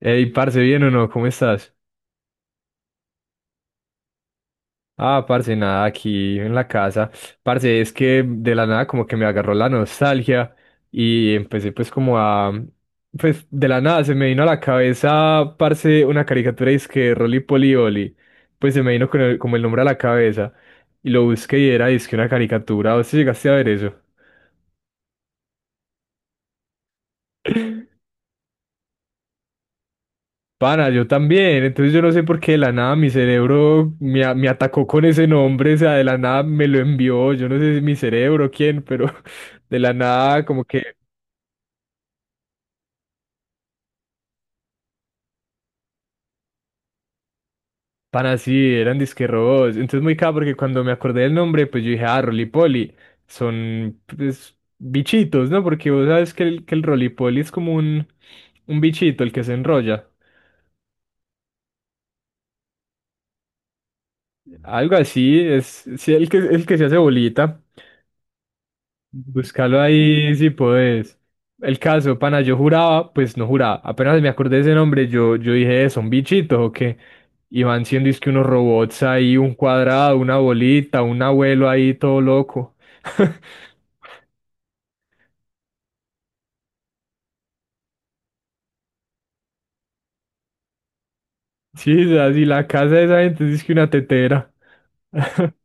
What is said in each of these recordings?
Ey, parce, ¿bien o no? ¿Cómo estás? Ah, parce, nada, aquí en la casa. Parce, es que de la nada como que me agarró la nostalgia y empecé pues como a... Pues de la nada se me vino a la cabeza, parce, una caricatura y es que Rolly Polly Olly. Pues se me vino con como el nombre a la cabeza y lo busqué y era, es que una caricatura. ¿Vos te llegaste a ver eso? Pana, yo también. Entonces yo no sé por qué de la nada mi cerebro me atacó con ese nombre, o sea, de la nada me lo envió. Yo no sé si mi cerebro, quién, pero de la nada como que, pana, sí, eran disque robots. Entonces muy cabrón porque cuando me acordé del nombre, pues yo dije, ah, Rolipoli, son pues, bichitos, ¿no? Porque vos sabes que el Rolipoli es como un bichito, el que se enrolla. Algo así, es sí, el que se hace bolita. Búscalo ahí si podés. El caso, pana, yo juraba, pues no juraba. Apenas me acordé de ese nombre, yo dije, ¿son bichitos o qué? Y van siendo es que unos robots ahí, un cuadrado, una bolita, un abuelo ahí todo loco. Sí y la casa de esa gente es que una tetera.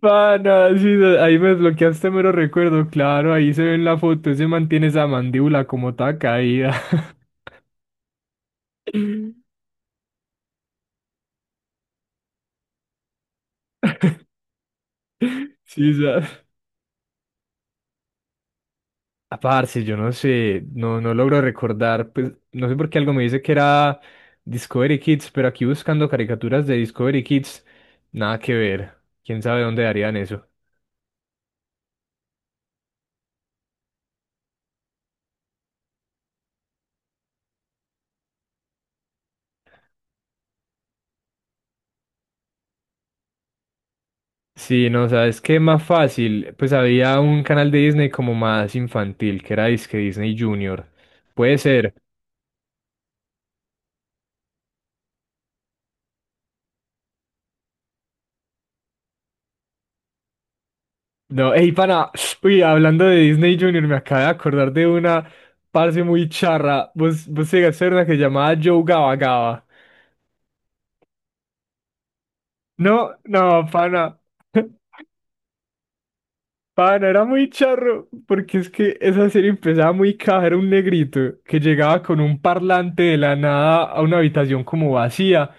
Pana, sí ahí me desbloqueaste mero recuerdo, claro, ahí se ve en la foto, ese mantiene esa mandíbula como toda caída. Sí. Ah, parce, yo no sé, no logro recordar, pues no sé por qué algo me dice que era Discovery Kids, pero aquí buscando caricaturas de Discovery Kids, nada que ver. ¿Quién sabe dónde darían eso? Sí, no, ¿sabes qué? Más fácil, pues había un canal de Disney como más infantil, que era disque Disney Junior. Puede ser. No, ey, pana, uy, hablando de Disney Junior, me acabo de acordar de una parce muy charra. Vos llegaste a ver una que se llamaba Joe Gaba Gaba. No, no, pana. Pana, era muy charro, porque es que esa serie empezaba muy caja, era un negrito que llegaba con un parlante de la nada a una habitación como vacía,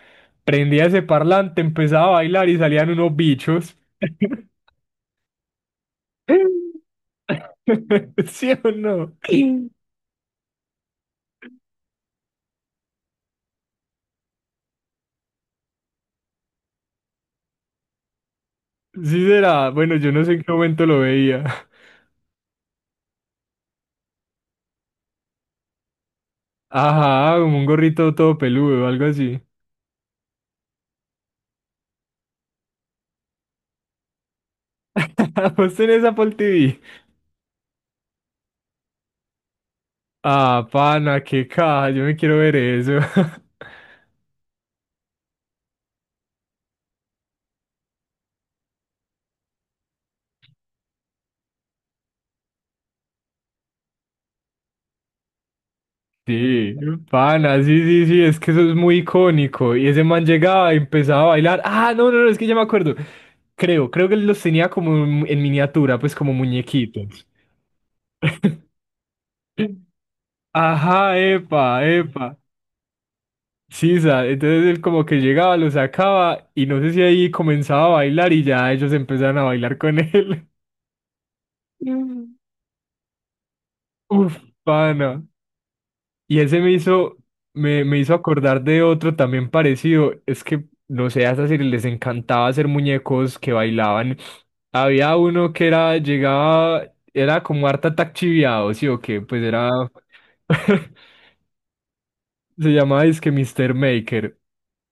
prendía ese parlante, empezaba a bailar y salían unos bichos. ¿Sí o no? Sí será, bueno, yo no sé en qué momento lo veía. Ajá, como un gorrito todo peludo o algo así. ¿Vos tenés Apple TV? Ah, pana, qué caja, yo me quiero ver eso. Sí, pana, sí, sí, sí, es que eso es muy icónico. Y ese man llegaba y empezaba a bailar. Ah, no, no, no, es que ya me acuerdo. Creo que él los tenía como en miniatura, pues como muñequitos. Ajá, epa, epa. Sí, entonces él como que llegaba, lo sacaba y no sé si ahí comenzaba a bailar y ya ellos empezaron a bailar con él. Uf, pana. Y ese me hizo acordar de otro también parecido. Es que, no sé, a esas series les encantaba hacer muñecos que bailaban. Había uno que era, llegaba, era como harta Attack chiviado, ¿sí o qué? Pues era. Se llamaba que Mr. Maker.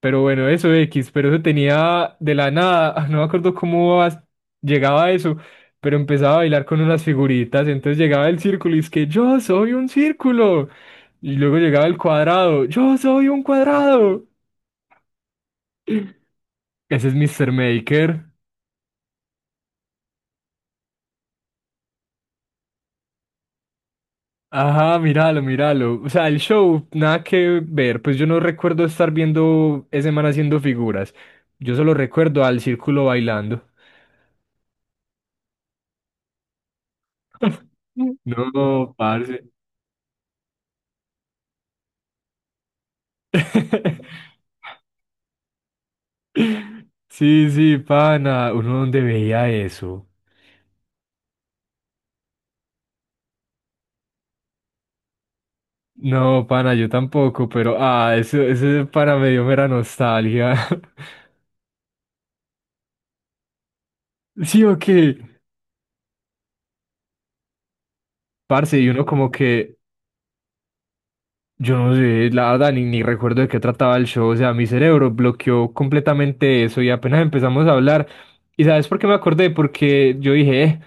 Pero bueno, eso X, pero eso tenía de la nada, no me acuerdo cómo llegaba a eso, pero empezaba a bailar con unas figuritas, entonces llegaba el círculo y es que yo soy un círculo. Y luego llegaba el cuadrado, yo soy un cuadrado. Ese es Mr. Maker. Ajá, míralo, míralo. O sea, el show, nada que ver, pues yo no recuerdo estar viendo ese man haciendo figuras. Yo solo recuerdo al círculo bailando. No, parce. Sí, sí, pana. ¿Uno dónde veía eso? No, pana, yo tampoco, pero ah, eso para me dio mera nostalgia. Sí, o parce, y uno como que yo no sé, la verdad, ni recuerdo de qué trataba el show, o sea, mi cerebro bloqueó completamente eso y apenas empezamos a hablar. ¿Y sabes por qué me acordé? Porque yo dije, eh,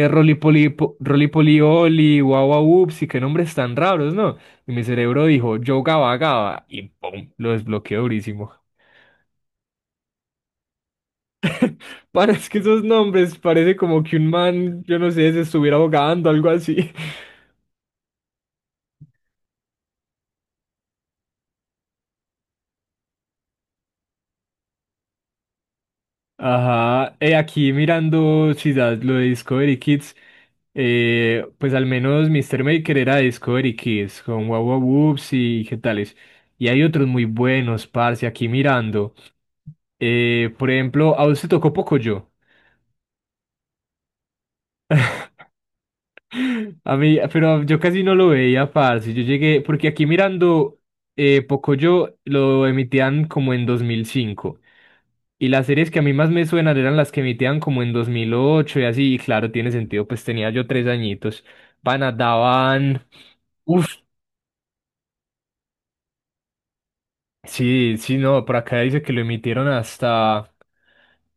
eh, Rolipoli, Rolipoli Oli, guau Guau Ups, y qué nombres tan raros, ¿no? Y mi cerebro dijo, yo Gaba Gaba, y pum, lo desbloqueó durísimo. Para, es que esos nombres parece como que un man, yo no sé, se estuviera ahogando, algo así. Ajá, aquí mirando si lo de Discovery Kids, pues al menos Mr. Maker era de Discovery Kids, con Wow Wow Whoops y qué tales. Y hay otros muy buenos, parce, aquí mirando. Por ejemplo, ¿a usted tocó Pocoyo? A mí, pero yo casi no lo veía, parce. Yo llegué, porque aquí mirando Pocoyo lo emitían como en 2005. Y las series que a mí más me suenan eran las que emitían como en 2008 y así. Y claro, tiene sentido, pues tenía yo 3 añitos. Pana, daban. Uf, sí, sí, no, por acá dice que lo emitieron hasta.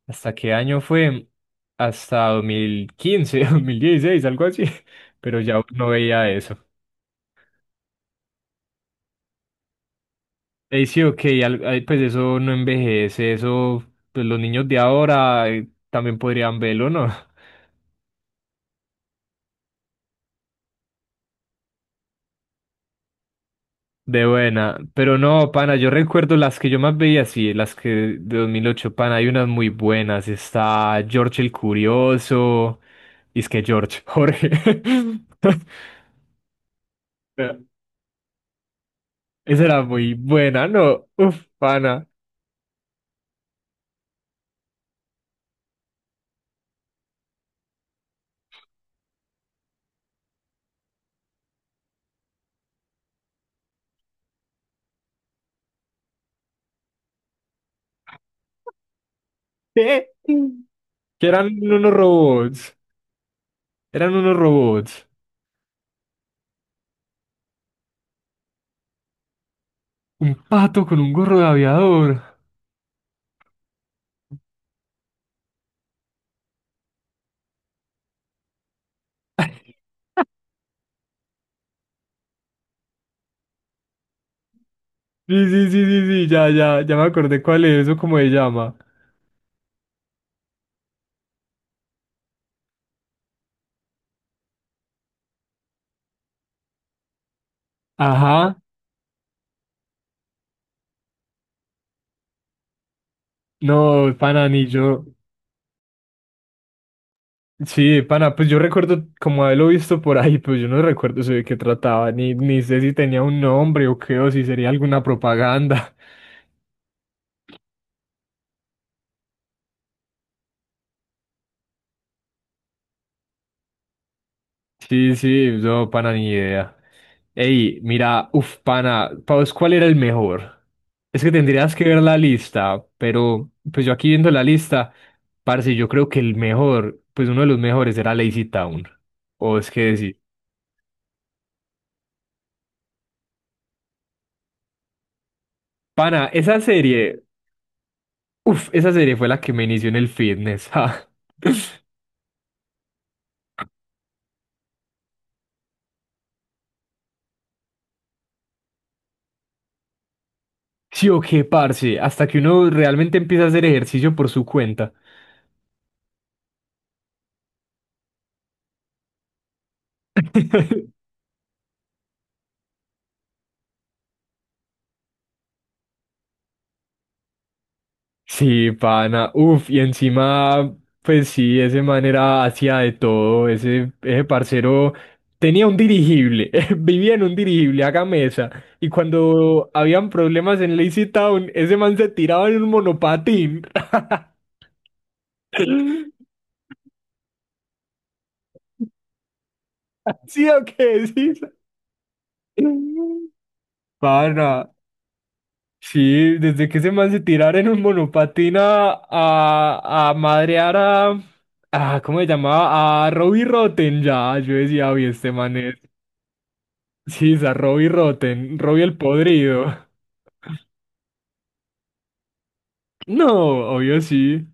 ¿Hasta qué año fue? Hasta dos mil quince, 2016, algo así. Pero ya no veía eso. Sí, ok, ay, pues eso no envejece, eso, pues los niños de ahora también podrían verlo, ¿no? De buena, pero no, pana, yo recuerdo las que yo más veía, sí, las que de 2008 pana, hay unas muy buenas, está George el Curioso, y es que George, Jorge, pero esa era muy buena, ¿no? Uf, pana, ¿qué? Que eran unos robots, un pato con un gorro de aviador. Sí, sí, sí, sí, sí, ya, ya, ya me acordé cuál es, eso cómo se llama. Ajá, no, pana, ni yo. Sí, pana, pues yo recuerdo como haberlo visto por ahí, pero yo no recuerdo eso de qué trataba, ni sé si tenía un nombre o qué, o si sería alguna propaganda. Sí, sí, no, pana, ni idea. Ey, mira, uf, pana, ¿para vos cuál era el mejor? Es que tendrías que ver la lista, pero pues yo aquí viendo la lista, parce, yo creo que el mejor, pues uno de los mejores era Lazy Town. O es que decir, pana, esa serie, uf, esa serie fue la que me inició en el fitness, ja. Sí o qué, parce, hasta que uno realmente empieza a hacer ejercicio por su cuenta. Sí, pana. Uf, y encima, pues sí, ese man era hacía de todo. Ese parcero tenía un dirigible, vivía en un dirigible, haga mesa. Y cuando habían problemas en Lazy Town, ese man se tiraba en un monopatín. ¿Sí o qué? Sí. Pana. Sí, desde que ese man se tirara en un monopatina a madrear a. ¿Cómo se llamaba? A Robbie Rotten, ya. Yo decía, oye, este man es. Sí, es a Robbie Rotten, Robbie el podrido. No, obvio sí.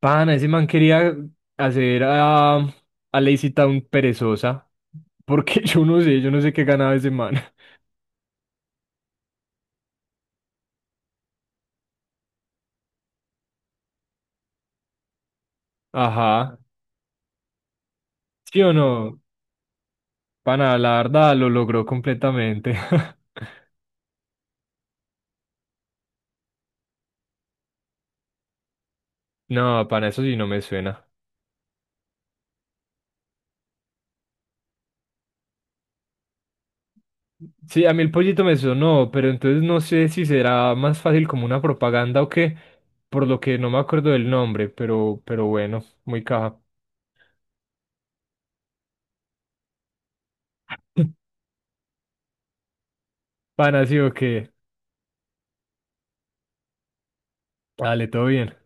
Pana, ese man quería hacer a Lazy Town perezosa. Porque yo no sé qué ganaba ese man. Ajá. ¿Sí o no? Pana, la verdad lo logró completamente. No, pana, eso sí no me suena. Sí, a mí el pollito me sonó, pero entonces no sé si será más fácil como una propaganda o qué, por lo que no me acuerdo del nombre, pero bueno, muy caja. Pan así o qué. Dale, todo bien.